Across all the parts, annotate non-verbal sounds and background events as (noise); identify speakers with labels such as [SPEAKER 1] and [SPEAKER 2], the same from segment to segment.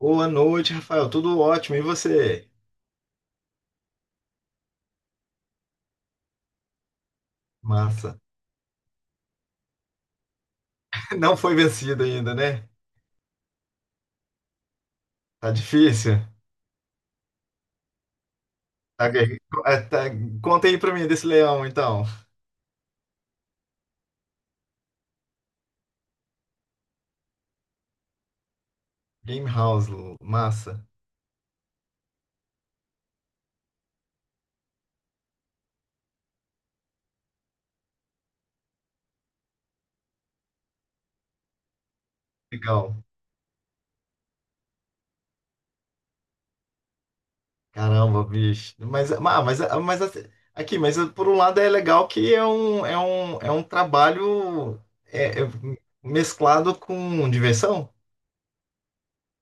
[SPEAKER 1] Boa noite, Rafael. Tudo ótimo. E você? Massa. (laughs) Não foi vencido ainda, né? Tá difícil. Tá guerre- é, tá- Conta aí pra mim desse leão, então. Game House, massa. Legal. Caramba, bicho. Mas, ah, mas, ah, mas assim, aqui, mas ah, por um lado é legal que é um trabalho é, é mesclado com diversão.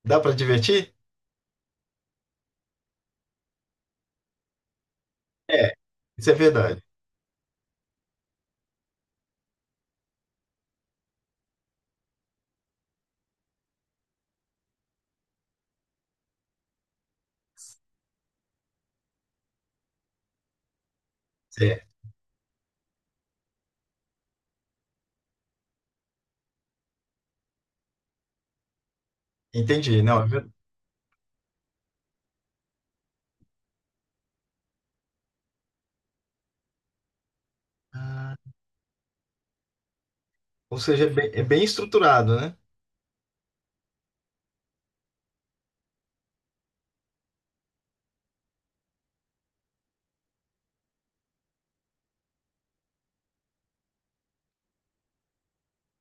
[SPEAKER 1] Dá pra divertir? É, isso é verdade. É, entendi. Não, é verdade. Ou seja, é bem estruturado, né?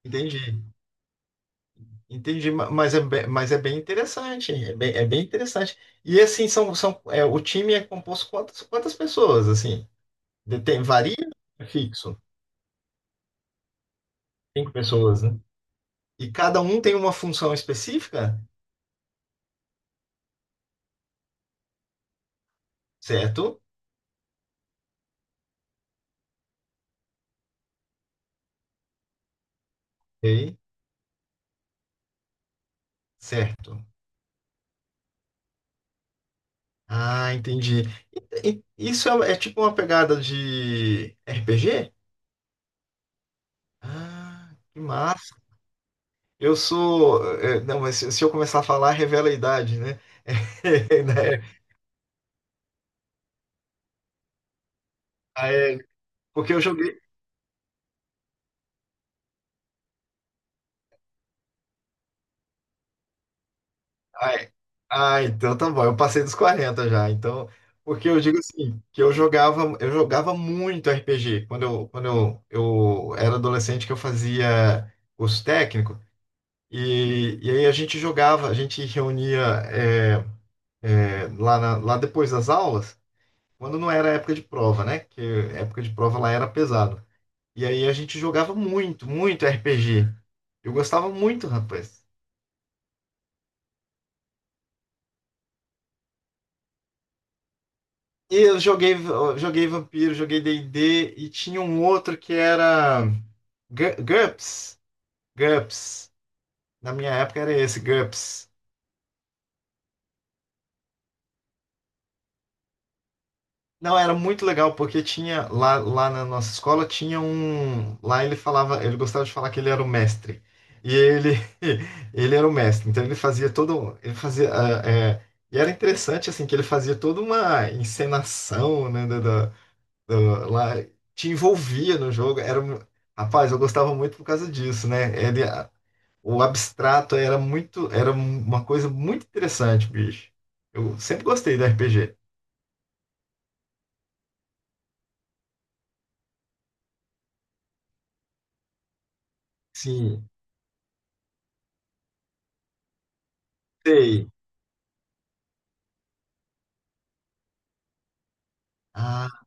[SPEAKER 1] Entendi, entendi, mas é, mas é bem interessante, é bem interessante. E assim, o time é composto quantas pessoas, assim? Tem, varia? É fixo, cinco pessoas, né? E cada um tem uma função específica, certo? Ok, certo. Ah, entendi. Isso é, é tipo uma pegada de RPG? Ah, que massa. Eu sou, é, não, mas se eu começar a falar, revela a idade, né? (laughs) Né? Ah, é, porque eu joguei. Ah, ah, então tá bom. Eu passei dos 40 já. Então, porque eu digo assim, que eu jogava muito RPG. Quando eu era adolescente que eu fazia curso técnico. E aí a gente jogava, a gente reunia é, lá, lá depois das aulas, quando não era época de prova, né? Que época de prova lá era pesado. E aí a gente jogava muito RPG. Eu gostava muito, rapaz. E eu joguei Vampiro, joguei D&D e D e tinha um outro que era GURPS. GURPS. Na minha época era esse, GURPS. Não, era muito legal porque tinha lá, lá na nossa escola tinha um, lá ele falava, ele gostava de falar que ele era o mestre. E ele (laughs) ele era o mestre, então ele fazia todo, ele fazia e era interessante assim que ele fazia toda uma encenação, né, lá te envolvia no jogo. Rapaz, eu gostava muito por causa disso, né? O abstrato era muito, uma coisa muito interessante, bicho. Eu sempre gostei do RPG. Sim, sei. Ah,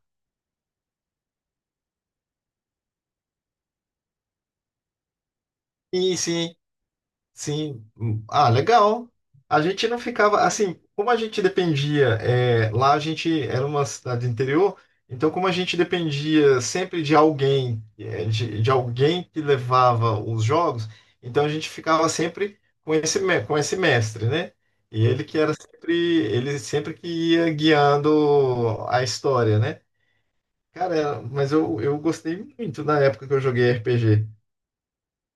[SPEAKER 1] sim, sim. Sim, hum, ah, legal. A gente não ficava assim, como a gente dependia, é, lá a gente era uma cidade interior, então como a gente dependia sempre de alguém, de alguém que levava os jogos, então a gente ficava sempre com esse, com esse mestre, né? E ele que era sempre, ele sempre que ia guiando a história, né? Cara, mas eu gostei muito na época que eu joguei RPG.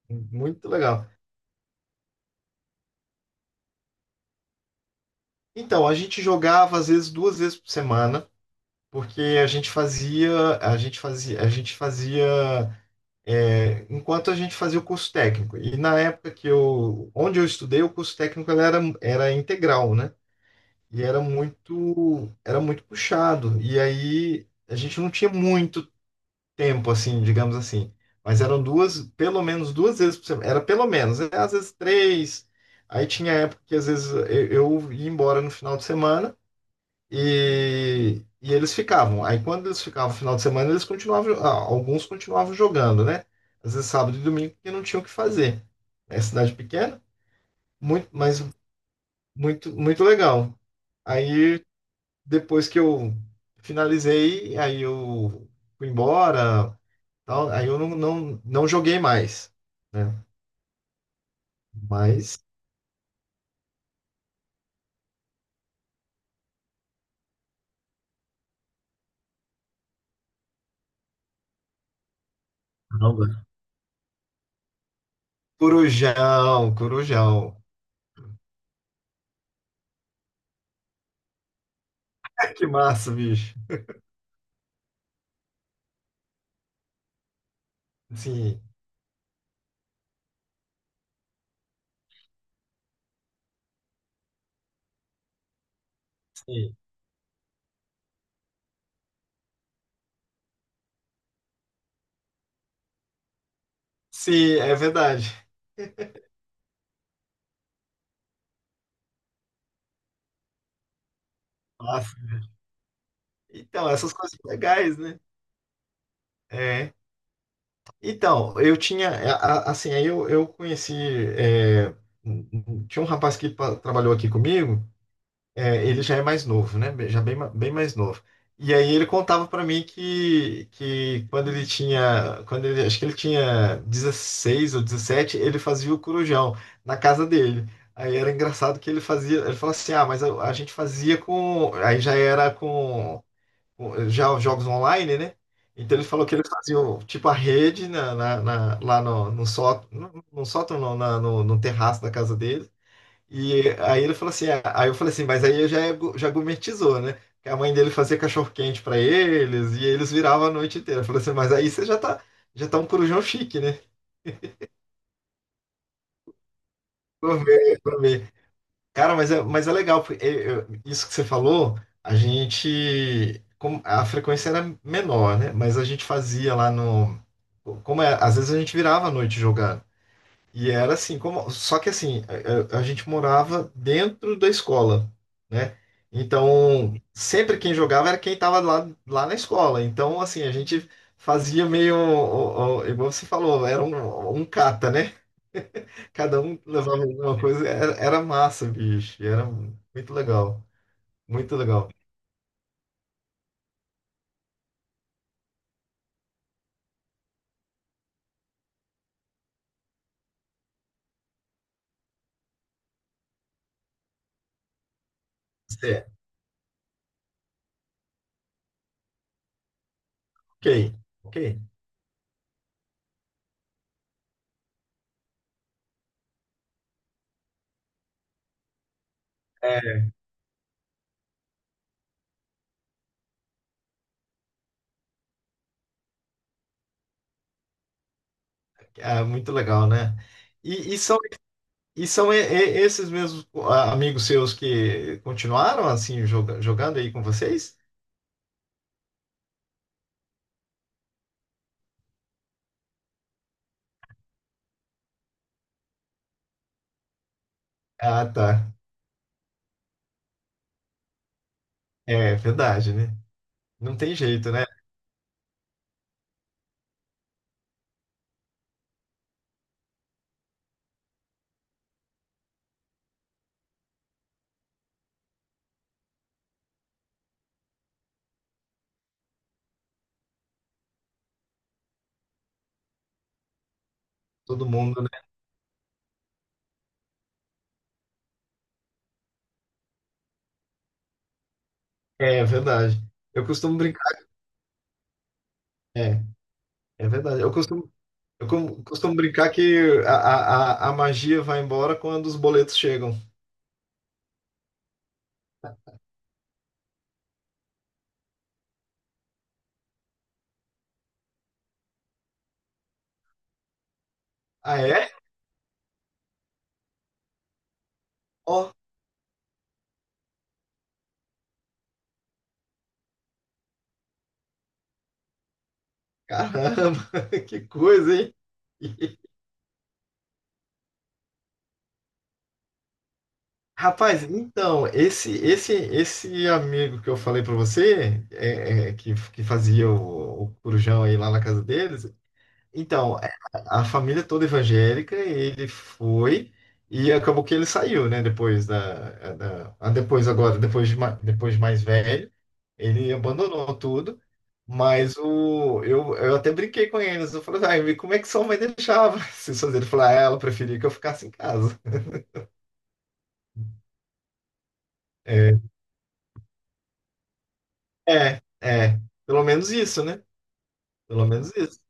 [SPEAKER 1] Muito legal. Então, a gente jogava às vezes duas vezes por semana, porque a gente fazia enquanto a gente fazia o curso técnico. E na época que eu, onde eu estudei, o curso técnico era integral, né? E era muito puxado. E aí a gente não tinha muito tempo, assim, digamos assim. Mas eram duas, pelo menos duas vezes por semana. Era pelo menos, né? Às vezes três. Aí tinha época que às vezes eu ia embora no final de semana. E eles ficavam. Aí quando eles ficavam no final de semana, eles continuavam, ah, alguns continuavam jogando, né? Às vezes sábado e domingo, porque não tinham o que fazer. É cidade pequena, muito, mas muito, muito legal. Aí depois que eu finalizei, aí eu fui embora, tal, aí eu não joguei mais, né? Mas caramba, Corujão, Corujão. (laughs) Que massa, bicho. Sim, sim. Sim, é verdade. Ah, então, essas coisas legais, né? É. Então, eu tinha, é, assim, aí eu conheci, é, tinha um rapaz que trabalhou aqui comigo, é, ele já é mais novo, né? Já bem, bem mais novo. E aí ele contava para mim que quando ele tinha, quando ele, acho que ele tinha 16 ou 17, ele fazia o corujão na casa dele. Aí era engraçado que ele fazia, ele falava assim, ah, mas a gente fazia com, aí já era com já jogos online, né? Então ele falou que eles faziam tipo a rede na, lá no, no sótão, no, no sótão não, no, no terraço da casa dele. E aí ele falou assim, ah, aí eu falei assim, mas aí já, é já gourmetizou, né? Que a mãe dele fazia cachorro-quente pra eles e eles viravam a noite inteira. Eu falei assim, mas aí você já tá um corujão chique, né? Gourmet, gourmet. Cara, mas é legal, porque isso que você falou, a gente, a frequência era menor, né? Mas a gente fazia lá no, como é, às vezes a gente virava à noite jogando. E era assim, como, só que assim, a gente morava dentro da escola, né? Então, sempre quem jogava era quem estava lá, lá na escola. Então, assim, a gente fazia meio, igual você falou, era um, um cata, né? Cada um levava alguma coisa. Era massa, bicho. Era muito legal. Muito legal. É, ok, ok. Ah, muito legal, né? E, e são, e são esses mesmos ah, amigos seus que continuaram assim jogando aí com vocês? Ah, tá. É verdade, né? Não tem jeito, né? Todo mundo, né? É verdade. Eu costumo brincar. É, é verdade. Eu costumo, eu costumo brincar que a a magia vai embora quando os boletos chegam. Ah, é? Ó, caramba, (laughs) que coisa, hein? (laughs) Rapaz, então, esse amigo que eu falei pra você, é, é, que fazia o corujão aí lá na casa deles, então, é, a família toda evangélica, ele foi e acabou que ele saiu, né? Depois da, é, depois agora, depois de, depois de mais velho, ele abandonou tudo. Mas o, eu até brinquei com eles. Eu falei, ai, como é que sua mãe deixava (laughs) vocês fazerem? Ele falou, ah, ela preferia que eu ficasse em casa. É, é, é. Pelo menos isso, né? Pelo menos isso.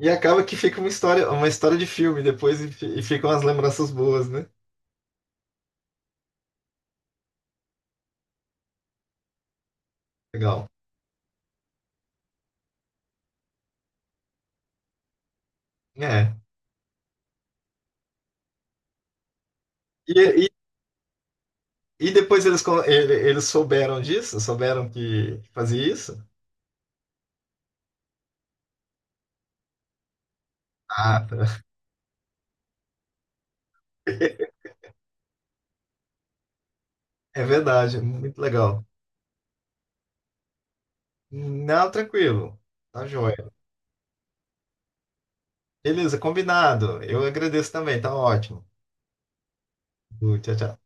[SPEAKER 1] E acaba que fica uma história de filme depois e, e ficam as lembranças boas, né? Legal. É. E, e depois eles, eles souberam disso? Souberam que fazia isso? Ah, tá. (laughs) É verdade, muito legal. Não, tranquilo. Tá joia. Beleza, combinado. Eu agradeço também, tá ótimo. Tchau, tchau.